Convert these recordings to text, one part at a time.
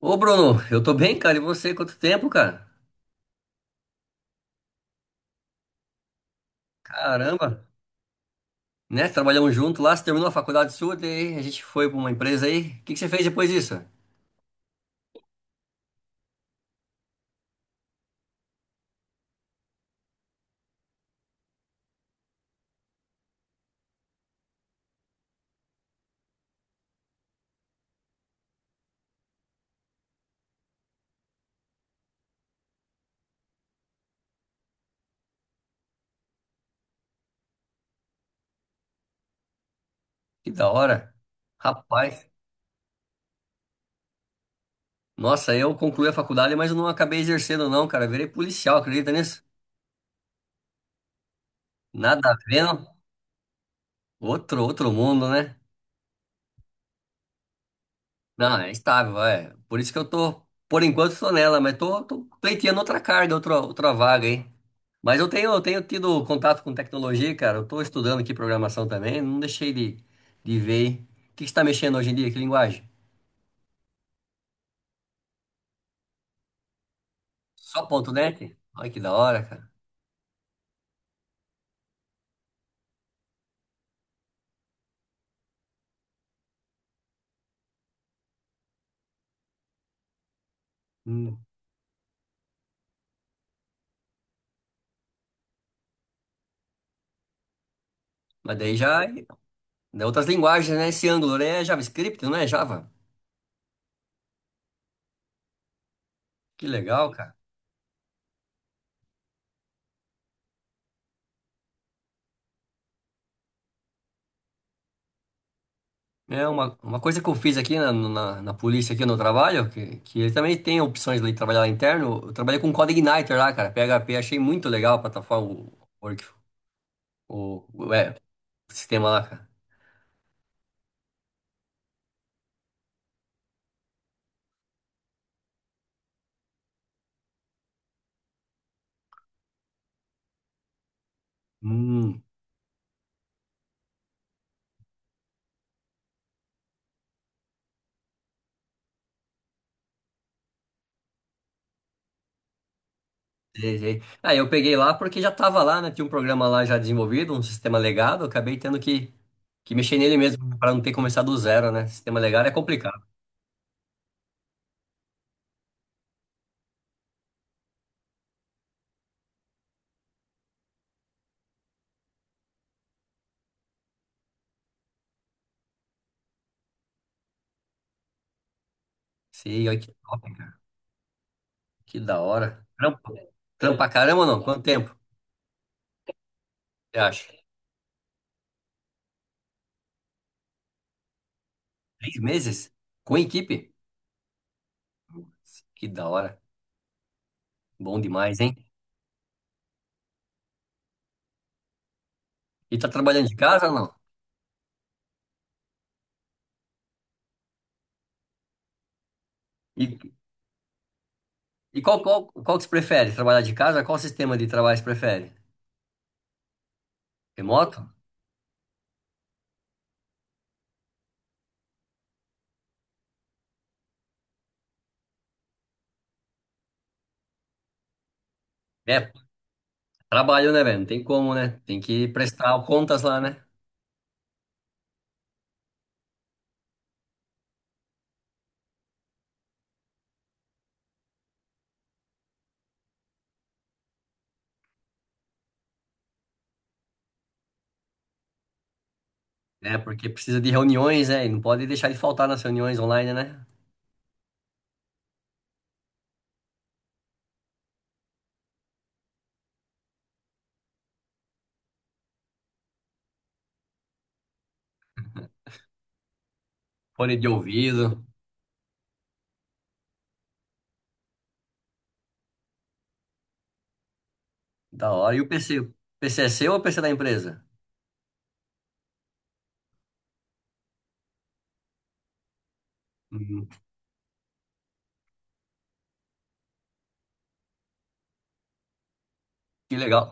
Ô, Bruno, eu tô bem, cara. E você? Quanto tempo, cara? Caramba, né? Trabalhamos junto lá, você terminou a faculdade sua, daí a gente foi pra uma empresa aí. O que que você fez depois disso? Que da hora. Rapaz, nossa, eu concluí a faculdade, mas eu não acabei exercendo, não, cara. Eu virei policial, acredita nisso? Nada a ver, não? Outro mundo, né? Não, é estável, é. Por isso que eu tô, por enquanto, tô nela, mas tô pleiteando outra carga, outra vaga aí. Mas eu tenho tido contato com tecnologia, cara. Eu estou estudando aqui programação também, não deixei de ver. O que você está mexendo hoje em dia? Que linguagem? Só ponto .NET? Olha que da hora, cara. Hum. Mas daí já. Daí outras linguagens, né? Esse Angular é JavaScript, não é Java? Que legal, cara. É uma coisa que eu fiz aqui na polícia, aqui no trabalho, que ele também tem opções de trabalhar lá interno. Eu trabalhei com Code Igniter lá, cara. PHP, achei muito legal a plataforma, o, work- o, é, o sistema lá, cara. Hum, Sei, sei. Ah, eu peguei lá porque já tava lá, né? Tinha um programa lá já desenvolvido, um sistema legado. Eu acabei tendo que mexer nele mesmo, para não ter começado do zero, né? Sistema legado é complicado. Sim, olha que top, cara. Que da hora. Trampa caramba ou não? Quanto tempo você acha? 3 meses? Com equipe? Que da hora. Bom demais, hein? E tá trabalhando de casa ou não? E, e qual que você prefere? Trabalhar de casa? Qual sistema de trabalho você prefere? Remoto? É, trabalho, né, velho? Não tem como, né? Tem que prestar contas lá, né? É, porque precisa de reuniões, né? E não pode deixar de faltar nas reuniões online, né? Fone de ouvido, da hora. E o PC? O PC é seu ou o PC da empresa? Hum, que legal.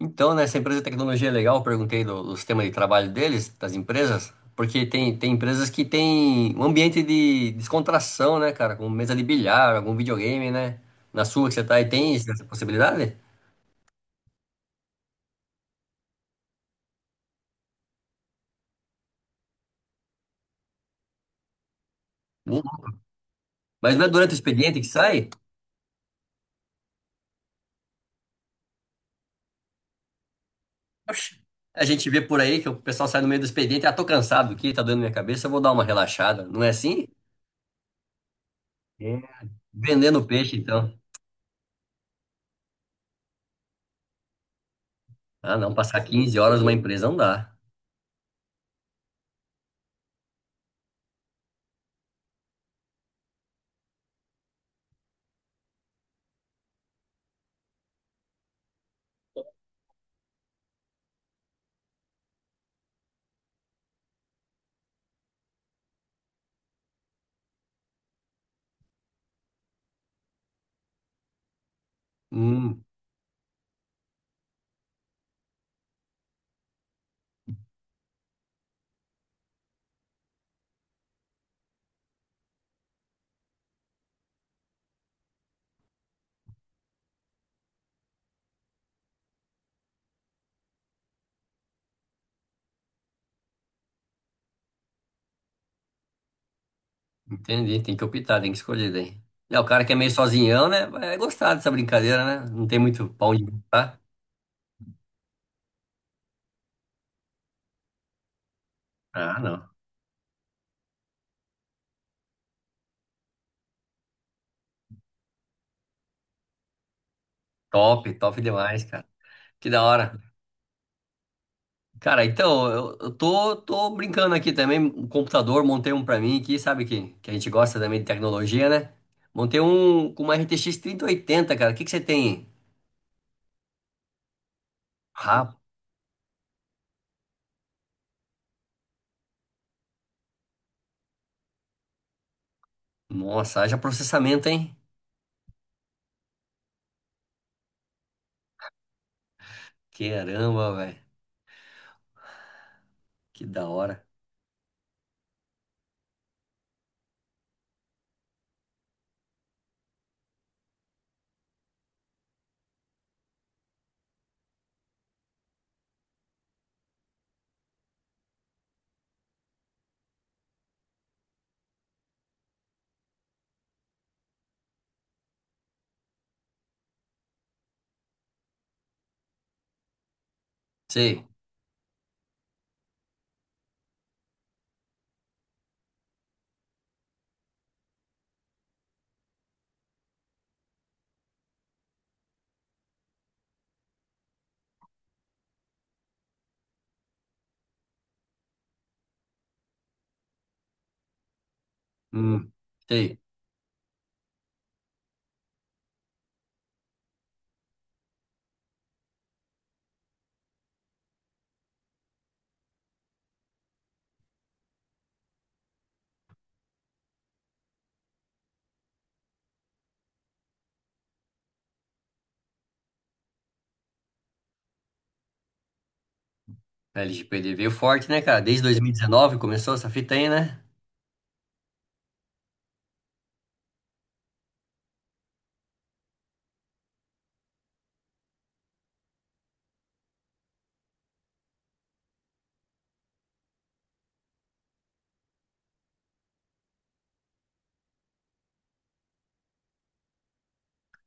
Então, né, essa empresa de tecnologia é legal, eu perguntei do sistema de trabalho deles, das empresas, porque tem empresas que tem um ambiente de descontração, né, cara? Com mesa de bilhar, algum videogame, né? Na sua que você tá aí, tem essa possibilidade? Não. Mas não é durante o expediente que sai? Oxe, a gente vê por aí que o pessoal sai no meio do expediente, ah, tô cansado aqui, tá doendo minha cabeça, eu vou dar uma relaxada. Não é assim? É. Vendendo peixe, então. Ah, não, passar 15 horas numa empresa não dá. Hum, entendi, tem que optar, tem que escolher daí. É, o cara que é meio sozinhão, né, vai gostar dessa brincadeira, né? Não tem muito pão de tá? Ah, não. Top, top demais, cara. Que da hora. Cara, então, eu tô brincando aqui também. Um computador, montei um pra mim aqui, sabe que a gente gosta também de tecnologia, né? Montei um com uma RTX 80, cara. O que que você tem? Ah, nossa, haja processamento, hein? Caramba, velho. Que da hora. Sei. Hum, sei. A LGPD veio forte, né, cara? Desde 2019 começou essa fita aí, né?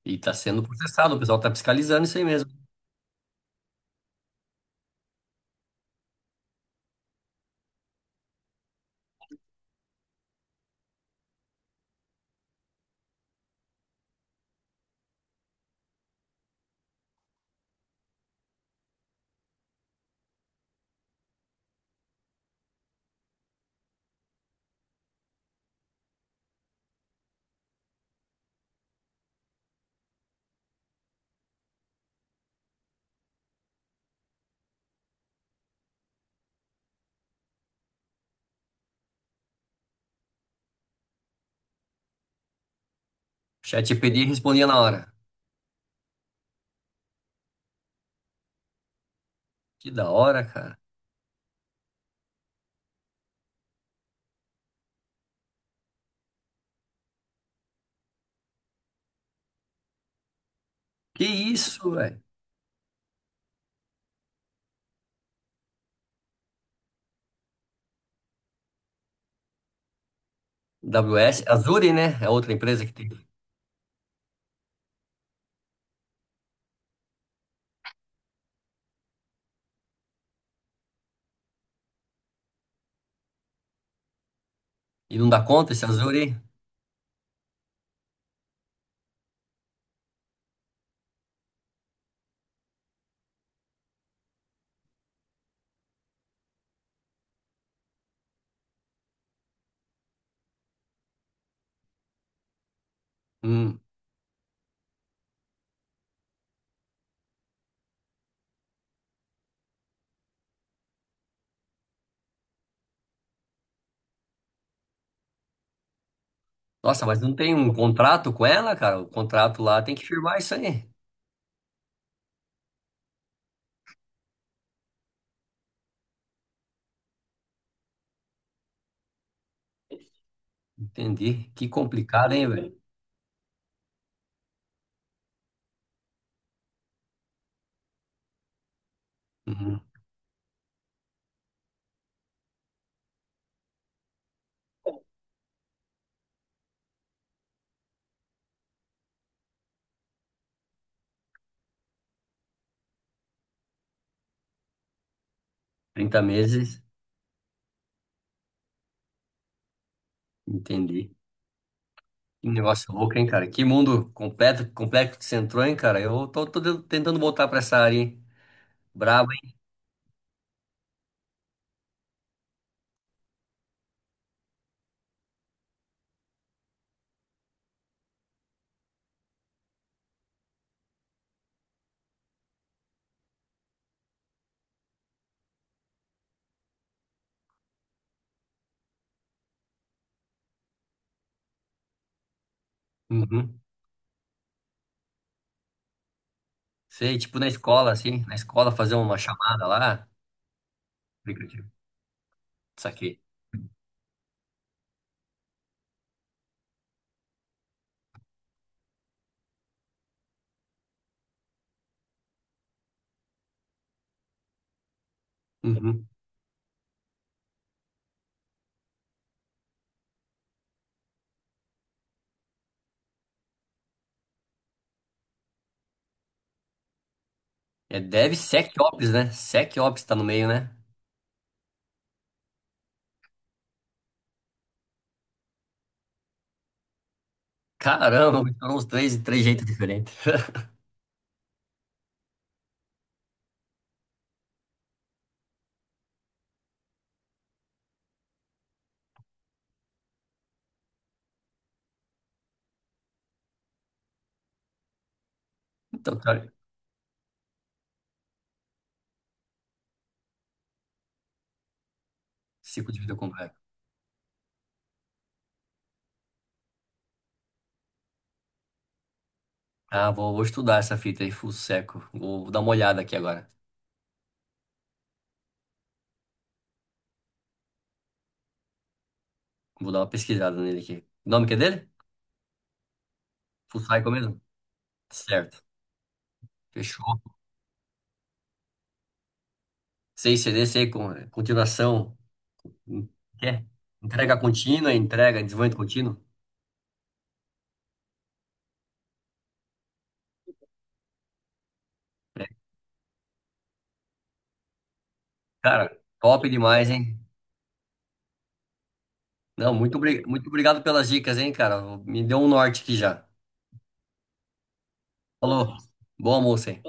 E tá sendo processado, o pessoal tá fiscalizando isso aí mesmo. O ChatGPT respondia na hora. Que da hora, cara. Que isso, AWS, Azure, né? É outra empresa que tem. E não dá conta esse Azure. Hum. Nossa, mas não tem um contrato com ela, cara? O contrato lá tem que firmar isso aí. Entendi. Que complicado, hein, velho? Uhum. 30 meses. Entendi. Que negócio louco, hein, cara? Que mundo completo, complexo que você entrou, hein, cara? Eu tô tentando voltar pra essa área, hein? Brabo, hein? Uhum. Sei, tipo na escola, assim. Na escola fazer uma chamada lá. Aplicativo. Saquei. Uhum. É DevSecOps, né? SecOps tá no meio, né? Caramba, foram uns três de três jeitos diferentes. Então, cara, ciclo de vida completo. Ah, vou estudar essa fita aí, Full Seco. Vou dar uma olhada aqui agora. Vou dar uma pesquisada nele aqui. O nome que é dele? Full Cycle mesmo? Certo. Fechou. Sem CD, sem continuação. Hum, É. Entrega contínua, entrega, desenvolvimento contínuo. É. Cara, top demais, hein? Não, muito obrigado pelas dicas, hein, cara. Me deu um norte aqui já. Falou. Boa almoço, hein?